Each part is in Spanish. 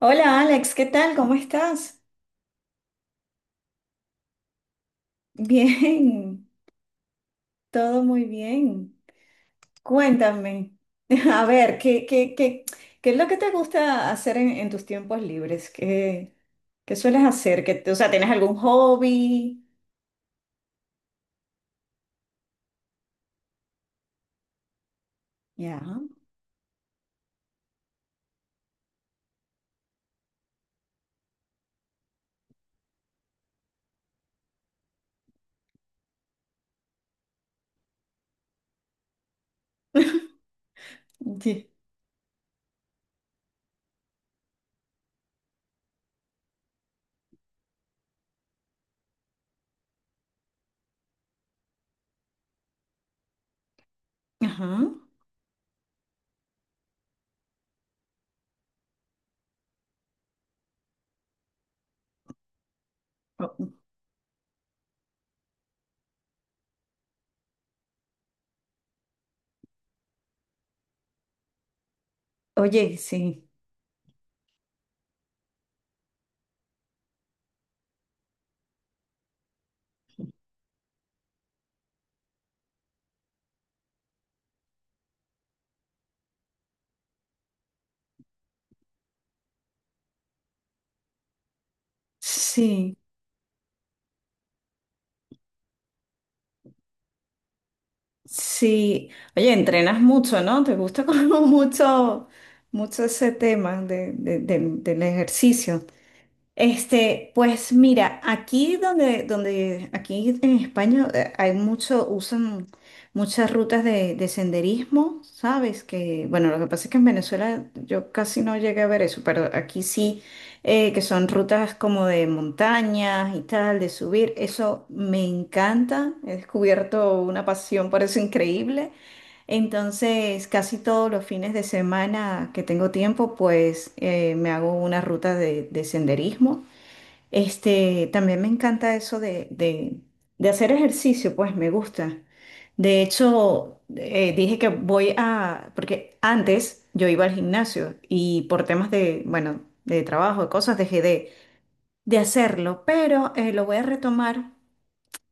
Hola Alex, ¿qué tal? ¿Cómo estás? Bien, todo muy bien. Cuéntame, a ver, ¿qué es lo que te gusta hacer en tus tiempos libres? ¿Qué sueles hacer? O sea, ¿tienes algún hobby? Ya. Sí. Ajá. O- Oye, sí, sí, sí. Oye, entrenas mucho, ¿no? ¿Te gusta como mucho, mucho ese tema del ejercicio? Este, pues mira, aquí donde, aquí en España hay mucho, usan muchas rutas de senderismo, ¿sabes? Que, bueno, lo que pasa es que en Venezuela yo casi no llegué a ver eso, pero aquí sí, que son rutas como de montañas y tal, de subir, eso me encanta, he descubierto una pasión por eso increíble. Entonces, casi todos los fines de semana que tengo tiempo, pues me hago una ruta de senderismo. Este, también me encanta eso de hacer ejercicio, pues me gusta. De hecho, dije que voy a, porque antes yo iba al gimnasio y por temas de, bueno, de trabajo, de cosas, dejé de hacerlo, pero lo voy a retomar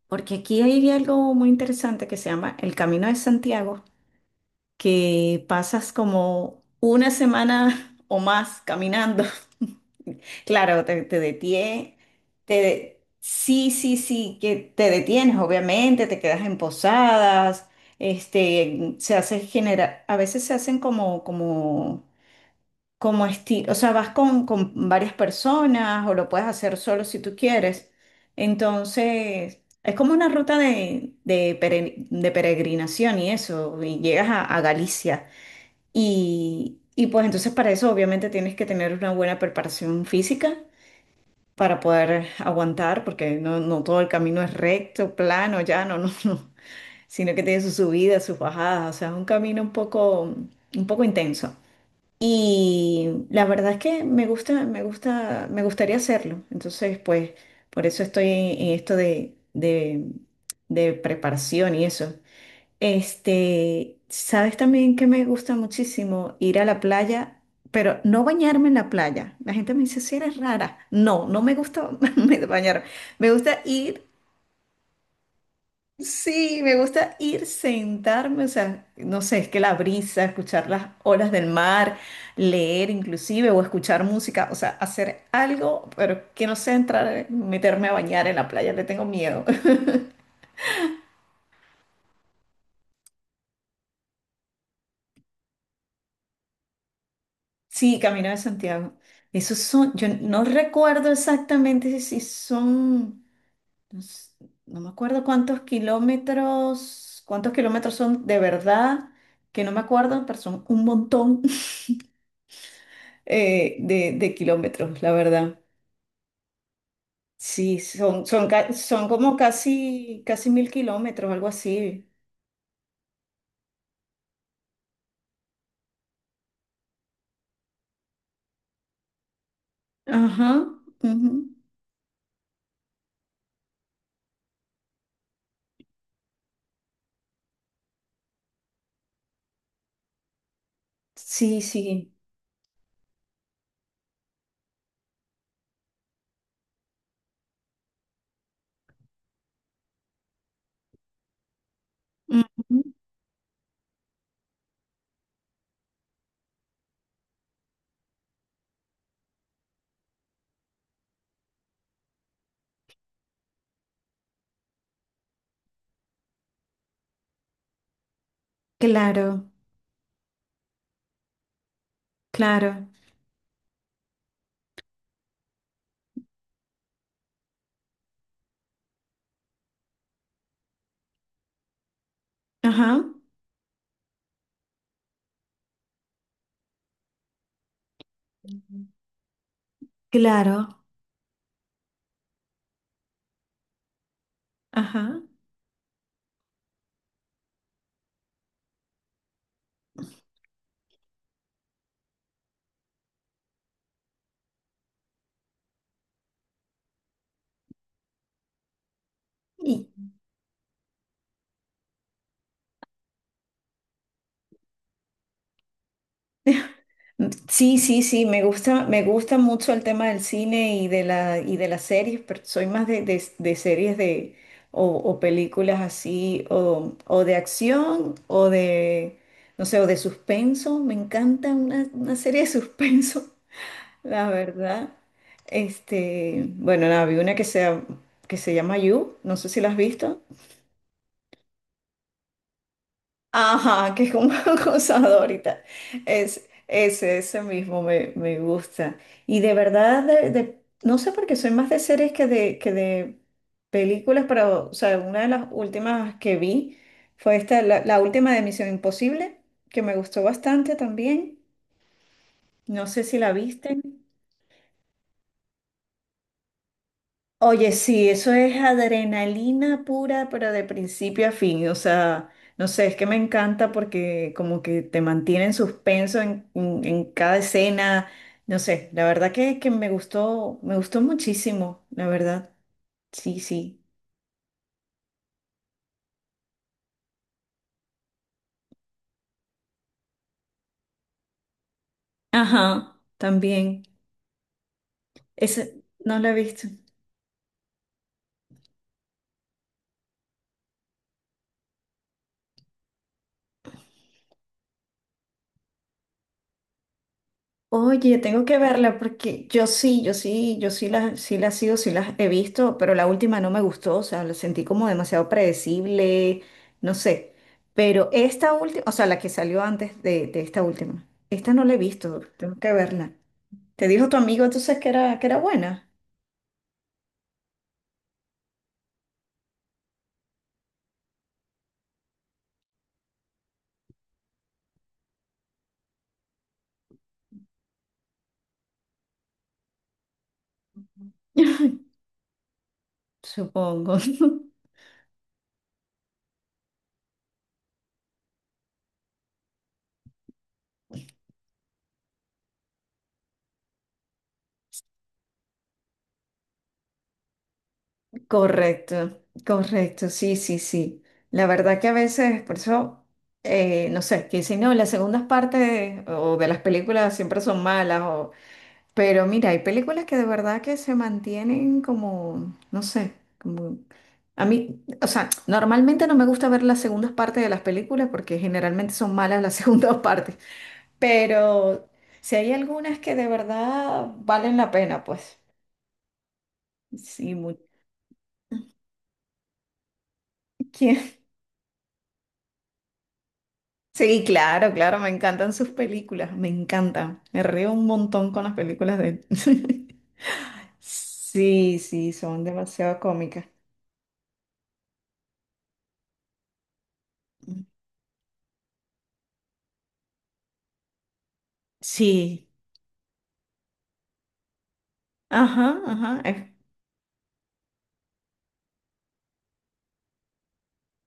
porque aquí hay algo muy interesante que se llama el Camino de Santiago, que pasas como una semana o más caminando. Claro, te detiene, sí, sí, sí, que te detienes, obviamente, te quedas en posadas, este, a veces se hacen como, como estilo, o sea, vas con varias personas o lo puedes hacer solo si tú quieres. Entonces, es como una ruta de peregrinación y eso, y llegas a Galicia. Y pues entonces para eso obviamente tienes que tener una buena preparación física para poder aguantar, porque no, no todo el camino es recto, plano, llano, no, no, sino que tiene sus subidas, sus bajadas, o sea, es un camino un poco intenso. Y la verdad es que me gusta, me gusta, me gustaría hacerlo. Entonces, pues, por eso estoy en esto de preparación y eso. Este, ¿sabes también que me gusta muchísimo ir a la playa, pero no bañarme en la playa? La gente me dice, si eres rara. No, no me gusta bañar. Me gusta ir, sí, me gusta ir sentarme, o sea, no sé, es que la brisa, escuchar las olas del mar, leer inclusive o escuchar música, o sea, hacer algo, pero que no sea entrar, meterme a bañar en la playa, le tengo miedo. Sí, Camino de Santiago. Esos son, yo no recuerdo exactamente si son, no, no me acuerdo cuántos kilómetros son de verdad, que no me acuerdo, pero son un montón de kilómetros, la verdad. Sí, son como casi, casi 1000 kilómetros, algo así. Ajá, ujú. Sí, sí. Ujú. Claro, claro. Ajá, claro. Ajá. Sí, sí, sí, me gusta mucho el tema del cine y de la, y de las series, pero soy más de series o películas así, o de acción, o de, no sé, o de suspenso. Me encanta una serie de suspenso, la verdad. Este, bueno, nada, vi una que se llama You, no sé si la has visto. Ajá, que es como acosador ahorita. Es, ese mismo me, me gusta. Y de verdad, no sé por qué soy más de series que de películas, pero, o sea, una de las últimas que vi fue esta, la última de Misión Imposible, que me gustó bastante también. No sé si la viste. Oye, sí, eso es adrenalina pura, pero de principio a fin. O sea, no sé, es que me encanta porque como que te mantiene en suspenso en cada escena. No sé, la verdad que me gustó muchísimo, la verdad. Sí, sí. Ajá, también. Ese no lo he visto. Oye, tengo que verla porque yo sí, yo sí, yo sí las sigo, sí las he visto, pero la última no me gustó, o sea, la sentí como demasiado predecible, no sé. Pero esta última, o sea, la que salió antes de esta última, esta no la he visto, tengo que verla. ¿Te dijo tu amigo entonces que era buena? Supongo. Correcto, correcto, sí, sí, sí. La verdad que a veces, por eso, no sé, que dicen, no, las segundas partes o de las películas siempre son malas, o... pero mira, hay películas que de verdad que se mantienen como, no sé, como... A mí, o sea, normalmente no me gusta ver las segundas partes de las películas porque generalmente son malas las segundas partes, pero si hay algunas que de verdad valen la pena, pues sí, muy... Sí, claro, claro, me encantan sus películas, me encantan. Me río un montón con las películas de él. Sí, sí, son demasiado cómicas. Sí, ajá, ajá, es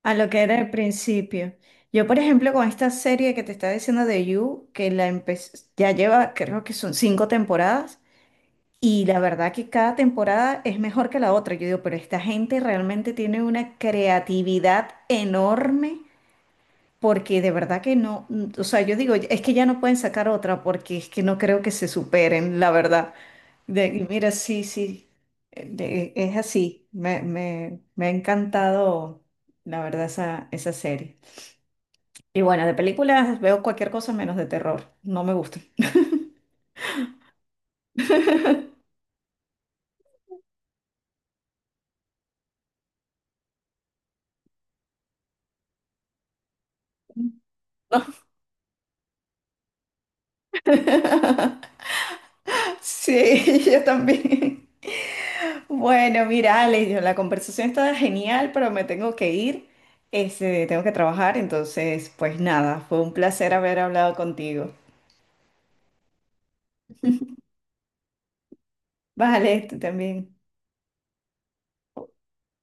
a lo que era el principio. Yo, por ejemplo, con esta serie que te estaba diciendo de You, que la empecé, ya lleva, creo que son cinco temporadas, y la verdad que cada temporada es mejor que la otra. Yo digo, pero esta gente realmente tiene una creatividad enorme. Porque de verdad que no, o sea, yo digo, es que ya no pueden sacar otra porque es que no creo que se superen, la verdad. Y mira, sí, sí, es así. Me ha encantado, la verdad, esa serie. Y bueno, de películas veo cualquier cosa menos de terror. No me gusta. No. Sí, yo también. Bueno, mira, Alex, yo- la conversación está genial, pero me tengo que ir. Este, tengo que trabajar, entonces, pues nada, fue un placer haber hablado contigo. Vale, tú también.